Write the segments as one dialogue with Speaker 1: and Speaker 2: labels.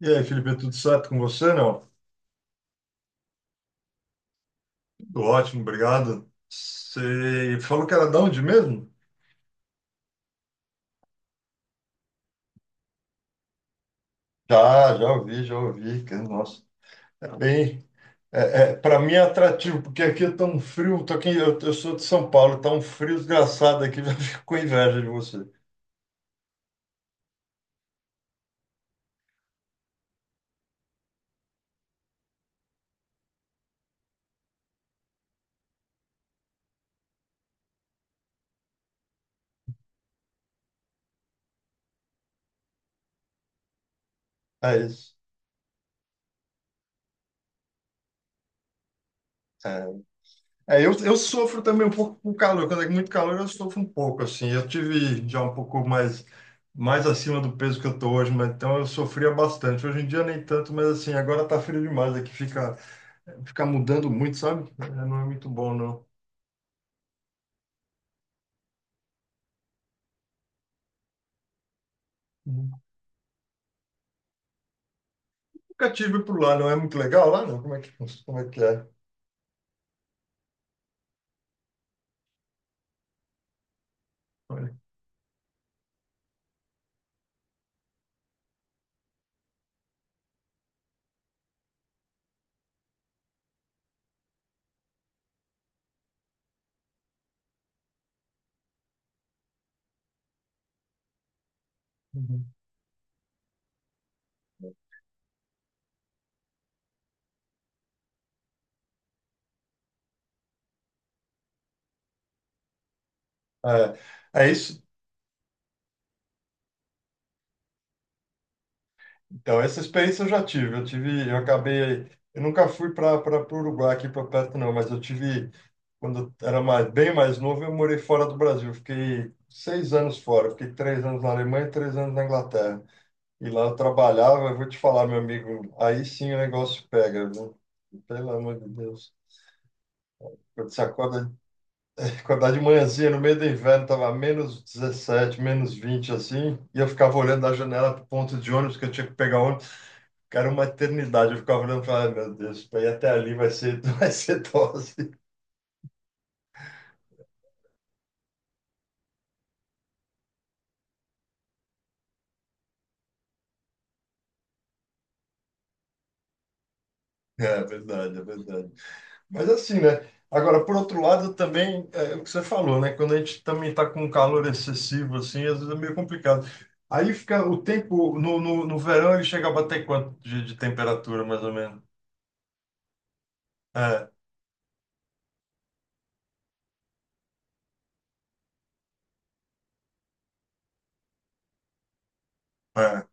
Speaker 1: E aí, Felipe, é tudo certo com você? Não? Tudo ótimo, obrigado. Você falou que era de onde mesmo? Já ouvi, já ouvi. Nossa, é bem. É, para mim é atrativo, porque aqui é tão frio. Tô aqui, eu sou de São Paulo, tá um frio desgraçado aqui, já fico com inveja de você. É isso. é. É, eu sofro também um pouco com calor. Quando é muito calor, eu sofro um pouco, assim. Eu tive já um pouco mais, mais acima do peso que eu tô hoje, mas então eu sofria bastante. Hoje em dia nem tanto, mas assim, agora tá frio demais aqui, fica mudando muito, sabe? É, não é muito bom, não. Uhum. Nunca tive por lá, não é muito legal lá, não? Como é que é? Olha. Uhum. É, é isso. Então, essa experiência eu já tive. Eu nunca fui para o Uruguai aqui para perto não, mas eu tive quando eu era mais, bem mais novo, eu morei fora do Brasil. Eu fiquei seis anos fora. Eu fiquei três anos na Alemanha e três anos na Inglaterra. E lá eu trabalhava. Eu vou te falar, meu amigo, aí sim o negócio pega, viu? Pelo amor de Deus. Quando você acorda, acordar de manhãzinha no meio do inverno, tava menos 17, menos 20 assim, e eu ficava olhando da janela pro ponto de ônibus que eu tinha que pegar ônibus. Cara, uma eternidade. Eu ficava olhando e falava, "Ai, meu Deus, para ir até ali vai ser, vai ser dose. É verdade, é verdade. Mas assim, né? Agora, por outro lado, também é o que você falou, né? Quando a gente também está com um calor excessivo, assim, às vezes é meio complicado. Aí fica o tempo, no verão ele chega a bater quanto de temperatura, mais ou menos? É, é.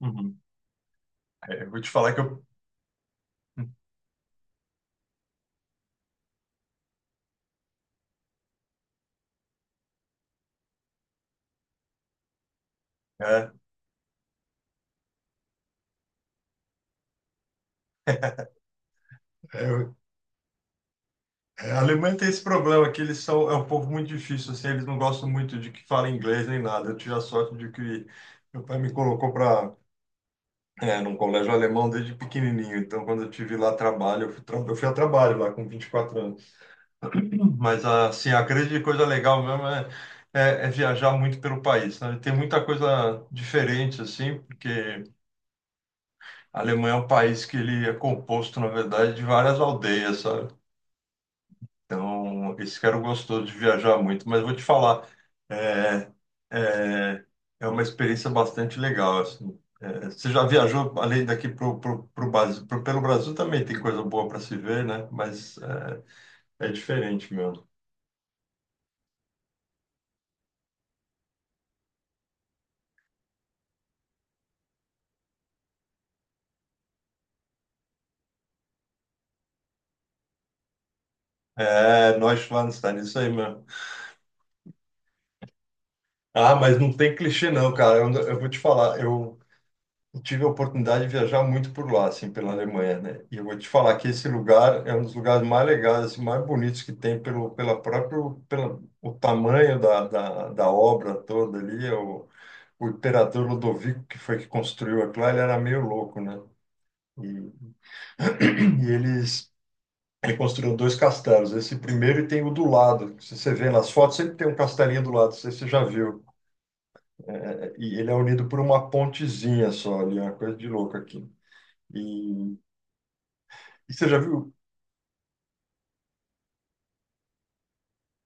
Speaker 1: Uhum. Eu vou te falar que eu. É, é, A Alemanha tem esse problema que eles são um povo muito difícil assim, eles não gostam muito de que falem inglês nem nada. Eu tive a sorte de que meu pai me colocou para num colégio alemão desde pequenininho. Então, quando eu tive lá trabalho, eu fui, eu fui a trabalho lá com 24 anos. Mas assim, a grande coisa legal mesmo é viajar muito pelo país, sabe? Tem muita coisa diferente assim, porque a Alemanha é um país que ele é composto, na verdade, de várias aldeias, sabe? Então, esse cara gostou de viajar muito, mas vou te falar, é, é, é uma experiência bastante legal, assim. É, você já viajou além daqui pro Brasil, pelo Brasil também tem coisa boa para se ver, né? Mas é, é diferente mesmo. É, nós lá nos Estados Unidos, isso aí mesmo. Ah, mas não tem clichê não, cara. Eu vou te falar, eu tive a oportunidade de viajar muito por lá, assim, pela Alemanha, né? E eu vou te falar que esse lugar é um dos lugares mais legais, assim, mais bonitos que tem pelo o tamanho da obra toda ali. O imperador Ludovico, que foi que construiu aquilo, lá, ele era meio louco, né? E, e eles, ele construiu dois castelos. Esse primeiro e tem o do lado. Se você vê nas fotos, sempre tem um castelinho do lado, não sei se você já viu. É, e ele é unido por uma pontezinha só ali, é uma coisa de louco aqui. E, e você já viu?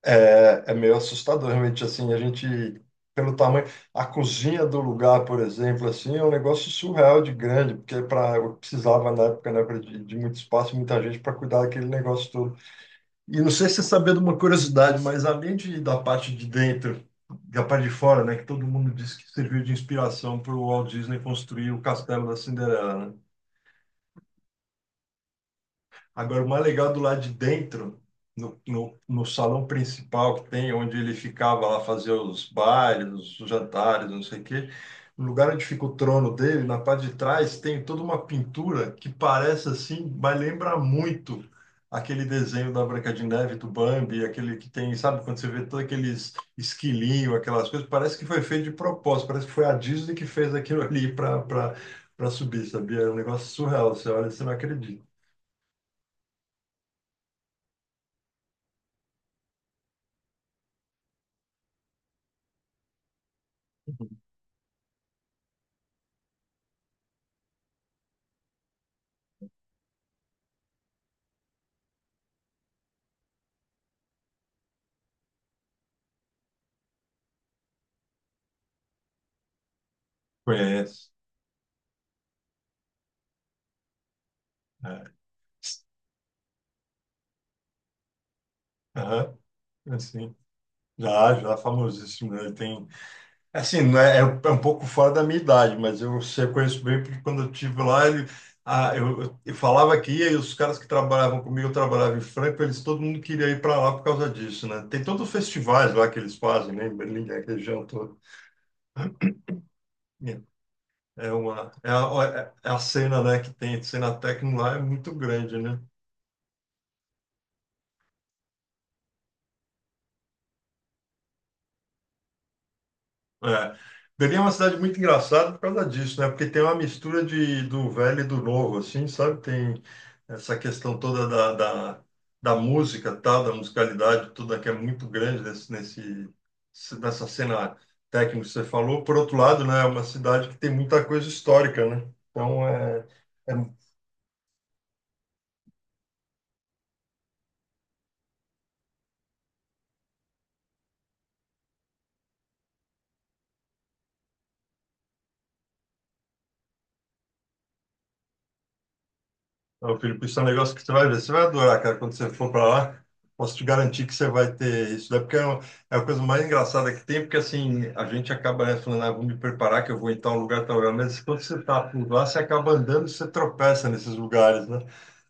Speaker 1: É, é meio assustador, realmente, assim, a gente, pelo tamanho, a cozinha do lugar, por exemplo, assim, é um negócio surreal de grande, porque para eu precisava, na época, né, de muito espaço, muita gente para cuidar daquele negócio todo. E não sei se você sabia de uma curiosidade, mas da parte de dentro, da parte de fora, né, que todo mundo disse que serviu de inspiração para o Walt Disney construir o Castelo da Cinderela, né? Agora, o mais legal do lado de dentro, no salão principal que tem, onde ele ficava lá fazer os bailes, os jantares, não sei o quê, no lugar onde fica o trono dele, na parte de trás, tem toda uma pintura que parece assim, mas lembra muito aquele desenho da Branca de Neve, do Bambi, aquele que tem, sabe, quando você vê todos aqueles esquilinhos, aquelas coisas, parece que foi feito de propósito, parece que foi a Disney que fez aquilo ali para subir, sabia? É um negócio surreal, você olha e você não acredita. Conhece. É. Aham, assim, já, já famosíssimo. Né? Ele tem, assim, não é, é um pouco fora da minha idade, mas eu sei, eu conheço bem, porque quando eu estive lá, ele, ah, eu falava que ia, e os caras que trabalhavam comigo, eu trabalhava em Franca, eles, todo mundo queria ir para lá por causa disso, né? Tem todos os festivais lá que eles fazem, né? Em Berlim, na região toda. É uma, é a, é é a cena, né, que tem, a cena técnica lá é muito grande, né? É. Berlim é uma cidade muito engraçada por causa disso, né? Porque tem uma mistura de, do velho e do novo, assim, sabe? Tem essa questão toda da música, tal, da musicalidade toda que é muito grande nessa cena técnica que você falou. Por outro lado, né? É uma cidade que tem muita coisa histórica, né? Então, é, é Ô, Felipe, isso é um negócio que você vai ver, você vai adorar, cara, quando você for para lá. Posso te garantir que você vai ter isso. Daí porque é a coisa mais engraçada que tem, porque assim, a gente acaba, né, falando, ah, vou me preparar que eu vou em tal lugar, tal lugar. Mas quando você tá por lá, você acaba andando, e você tropeça nesses lugares, né?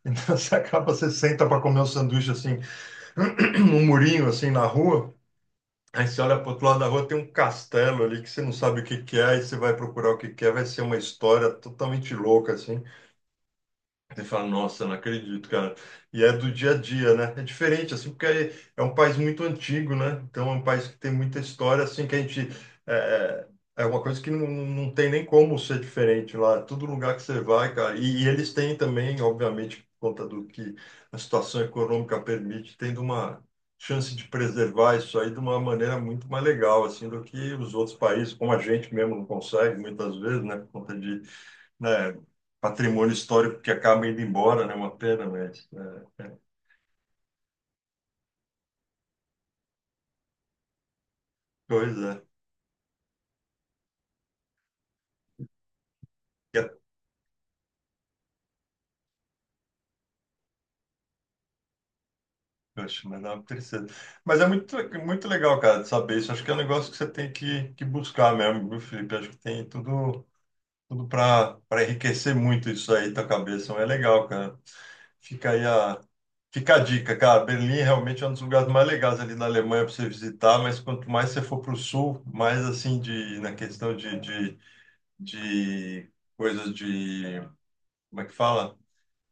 Speaker 1: Então você acaba, você senta para comer um sanduíche assim, num murinho assim na rua. Aí você olha para outro lado da rua, tem um castelo ali que você não sabe o que que é, aí você vai procurar o que que é, vai ser uma história totalmente louca, assim. Você fala, nossa, não acredito, cara. E é do dia a dia, né? É diferente, assim, porque é um país muito antigo, né? Então é um país que tem muita história, assim, que a gente. É, é é uma coisa que não, não tem nem como ser diferente lá. Todo lugar que você vai, cara. E eles têm também, obviamente, por conta do que a situação econômica permite, tendo uma chance de preservar isso aí de uma maneira muito mais legal, assim, do que os outros países, como a gente mesmo não consegue, muitas vezes, né? Por conta de é, patrimônio histórico que acaba indo embora, né? Uma pena, mas é, é coisa. É, É, poxa, mas dá uma tristeza. Mas é muito, muito legal, cara, de saber isso. Acho que é um negócio que você tem que buscar mesmo, viu, Felipe? Acho que tem tudo, tudo para enriquecer muito isso aí, tua cabeça. Então, é legal, cara. Fica aí a, fica a dica, cara. Berlim realmente é um dos lugares mais legais ali na Alemanha para você visitar, mas quanto mais você for para o sul, mais assim de, na questão de coisas de como é que fala?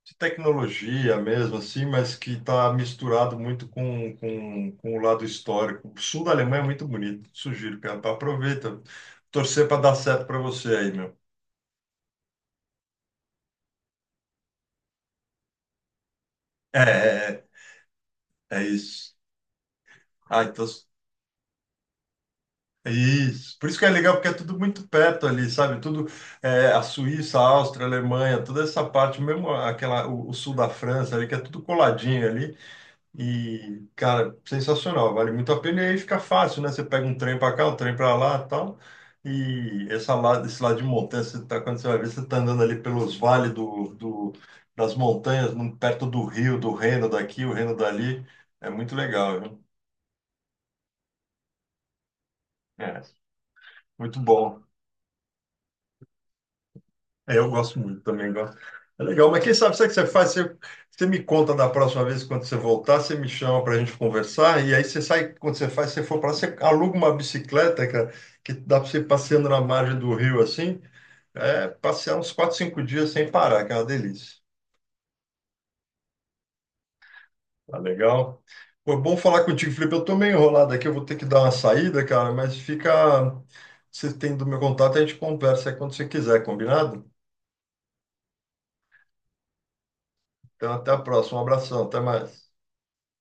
Speaker 1: De tecnologia mesmo, assim, mas que está misturado muito com o lado histórico. O sul da Alemanha é muito bonito, sugiro, cara. Então torcer para dar certo para você aí, meu. É, é, é isso. Ah, então. É isso. Por isso que é legal, porque é tudo muito perto ali, sabe? A Suíça, a Áustria, a Alemanha, toda essa parte, mesmo aquela, o sul da França ali, que é tudo coladinho ali. E, cara, sensacional, vale muito a pena. E aí fica fácil, né? Você pega um trem para cá, um trem para lá e tal. Esse lado de montanha, você tá, quando você vai ver, você tá andando ali pelos vales das montanhas, perto do rio, do Reno daqui, o Reno dali. É muito legal, viu? É, muito bom. É, eu gosto muito também, gosto. É legal, mas quem sabe, sabe o que você faz? Você me conta da próxima vez quando você voltar, você me chama para a gente conversar, e aí você sai, você for para lá, você aluga uma bicicleta, cara, que dá para você ir passeando na margem do rio assim, é, passear uns 4, 5 dias sem parar, que é uma delícia. Tá legal? Foi bom falar contigo, Felipe. Eu tô meio enrolado aqui, eu vou ter que dar uma saída, cara, mas fica. Você tem do meu contato, a gente conversa aí quando você quiser, combinado? Então, até a próxima, um abração, até mais.